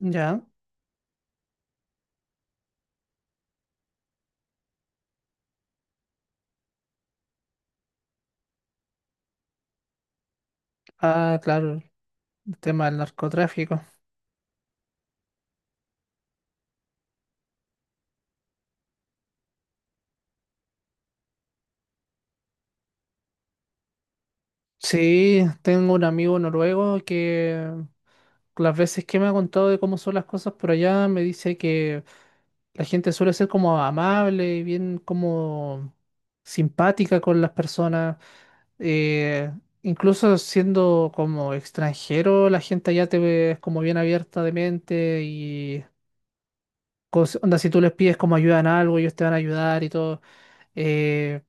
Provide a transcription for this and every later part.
Ya. Ah, claro, el tema del narcotráfico. Sí, tengo un amigo noruego que las veces que me ha contado de cómo son las cosas por allá, me dice que la gente suele ser como amable y bien como simpática con las personas. eh, Incluso siendo como extranjero, la gente allá te ve como bien abierta de mente y onda, si tú les pides como ayuda en algo, ellos te van a ayudar y todo. Eh,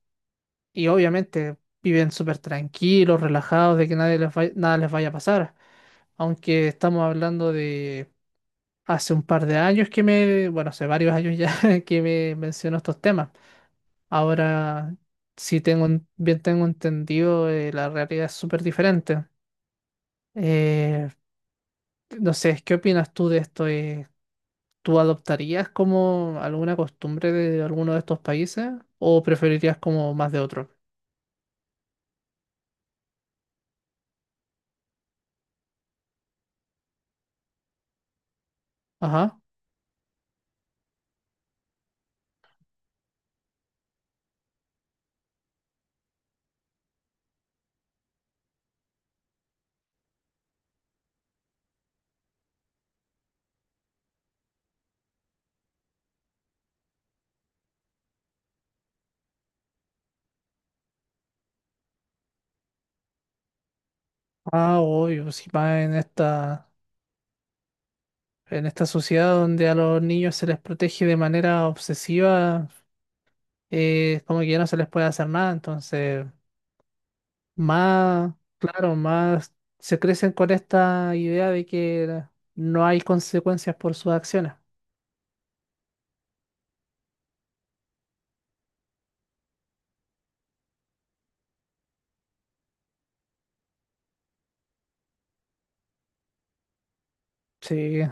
Y obviamente viven súper tranquilos, relajados, de que nadie les vaya- nada les vaya a pasar. Aunque estamos hablando de hace un par de años que bueno, hace varios años ya que me mencionó estos temas. Ahora, si bien tengo entendido, la realidad es súper diferente. Eh, no sé, ¿qué opinas tú de esto? ¿Tú adoptarías como alguna costumbre de alguno de estos países o preferirías como más de otro? Ajá. Ah, obvio, si va en esta... En esta sociedad donde a los niños se les protege de manera obsesiva, como que ya no se les puede hacer nada. Entonces, más, claro, más se crecen con esta idea de que no hay consecuencias por sus acciones. Sí.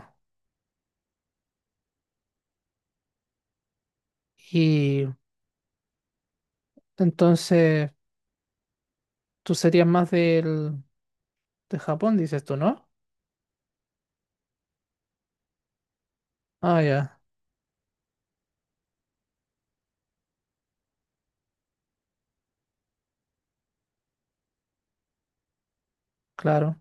Y entonces, tú serías más de Japón, dices tú, ¿no? Ah, ya, claro.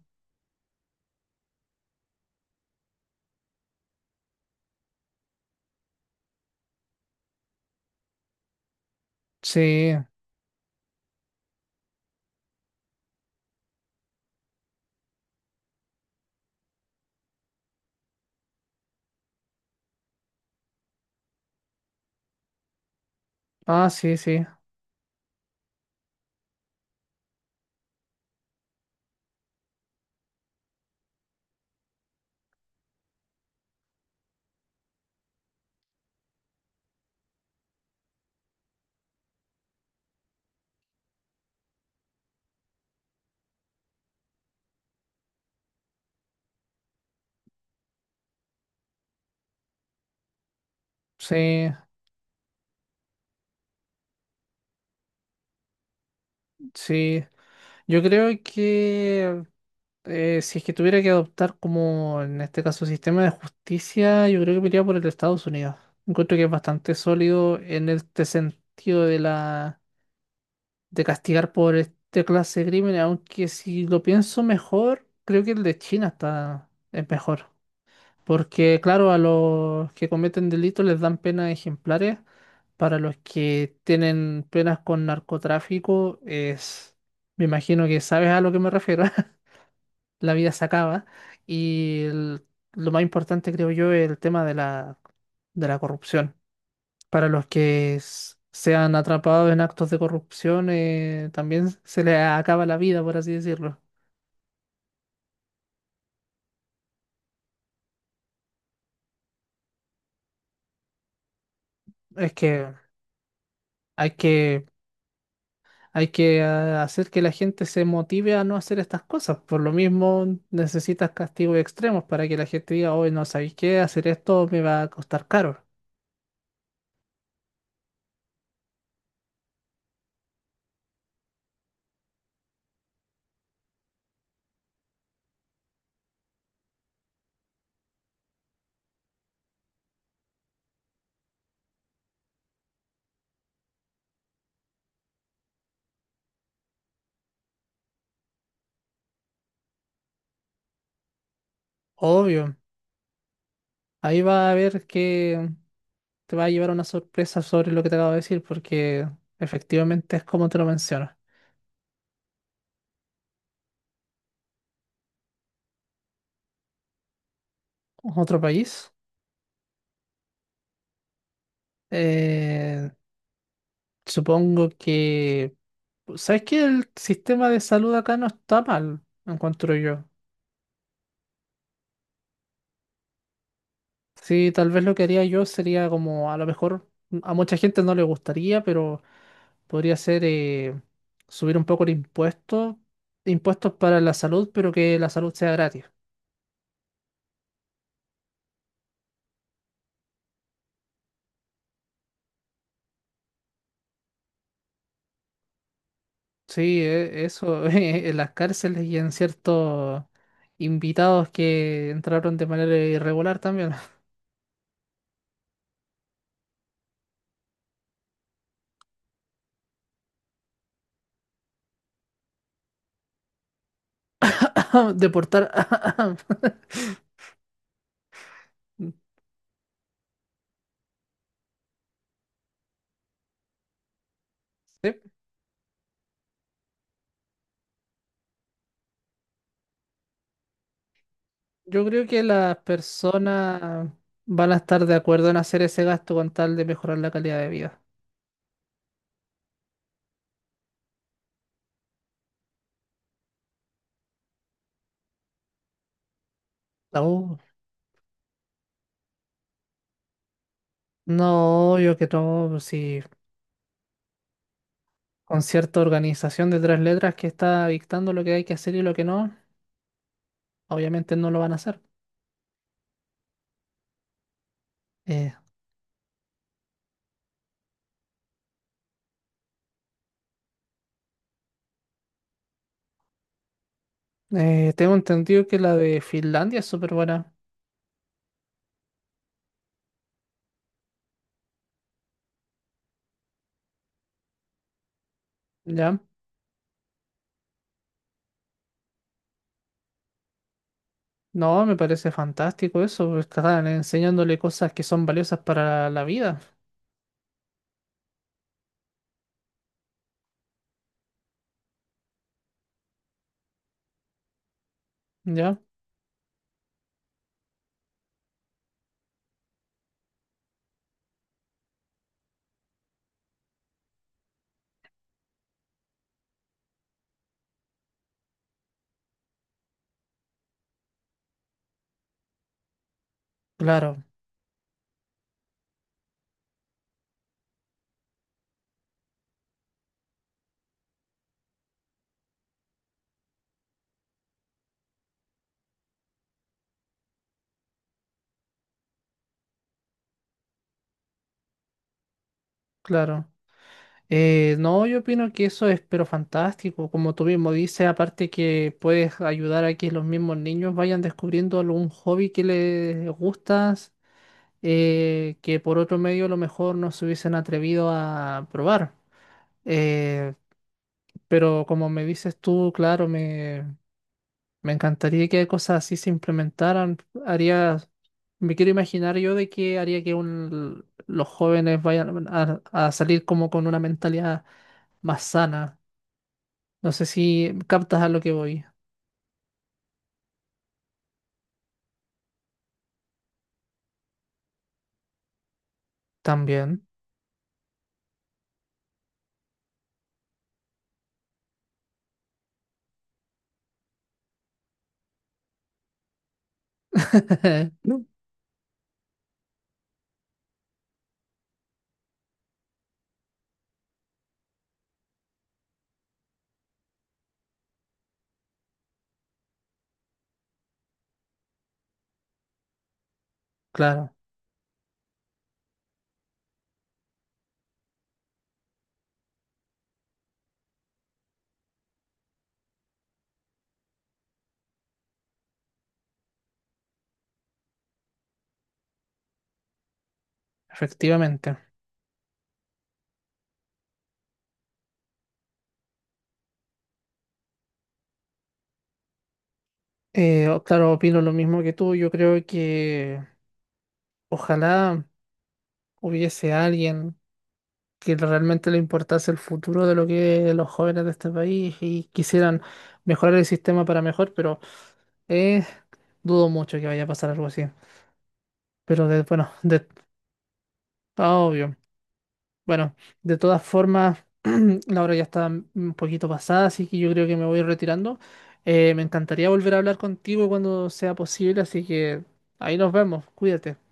Sí. Ah, sí, sí. Sí, sí. Yo creo que Si es que tuviera que adoptar como en este caso sistema de justicia, yo creo que me iría por el de Estados Unidos. Encuentro que es bastante sólido en este sentido de castigar por este clase de crímenes, aunque si lo pienso mejor, creo que el de China está es mejor, porque claro, a los que cometen delitos les dan penas ejemplares, para los que tienen penas con narcotráfico es, me imagino que sabes a lo que me refiero. La vida se acaba. Y el- lo más importante, creo yo, es el tema de de la corrupción. Para los que sean atrapados en actos de corrupción, también se les acaba la vida, por así decirlo. Es que hay que, hay que hacer que la gente se motive a no hacer estas cosas. Por lo mismo, necesitas castigos extremos para que la gente diga, hoy no sabéis qué, hacer esto me va a costar caro. Obvio. Ahí va a haber que te va a llevar a una sorpresa sobre lo que te acabo de decir, porque efectivamente es como te lo mencionas. Otro país. eh, Supongo que... ¿Sabes que el sistema de salud acá no está mal, encuentro yo? Sí, tal vez lo que haría yo sería como, a lo mejor a mucha gente no le gustaría, pero podría ser subir un poco impuestos para la salud, pero que la salud sea gratis. Sí, eso, en las cárceles y en ciertos invitados que entraron de manera irregular también. Deportar. Sí, yo creo que las personas van a estar de acuerdo en hacer ese gasto con tal de mejorar la calidad de vida. No, no, yo que no, si con cierta organización de tres letras que está dictando lo que hay que hacer y lo que no, obviamente no lo van a hacer. Eh, Tengo entendido que la de Finlandia es súper buena, ¿ya? No, me parece fantástico eso, porque están enseñándole cosas que son valiosas para la vida, ¿ya? Claro, claro. No, yo opino que eso es pero fantástico, como tú mismo dices, aparte que puedes ayudar a que los mismos niños vayan descubriendo algún hobby que les gustas, que por otro medio a lo mejor no se hubiesen atrevido a probar. Eh, pero como me dices tú, claro, me... Me encantaría que cosas así se implementaran. Haría, Me quiero imaginar yo de que haría que los jóvenes vayan a salir como con una mentalidad más sana. No sé si captas a lo que voy. También. No. Claro, efectivamente. Claro, opino lo mismo que tú. Yo creo que ojalá hubiese alguien que realmente le importase el futuro de lo que los jóvenes de este país y quisieran mejorar el sistema para mejor, pero Eh, dudo mucho que vaya a pasar algo así. Pero bueno, de, ah, obvio. Bueno, de todas formas, la hora ya está un poquito pasada, así que yo creo que me voy retirando. Me encantaría volver a hablar contigo cuando sea posible, así que ahí nos vemos. Cuídate.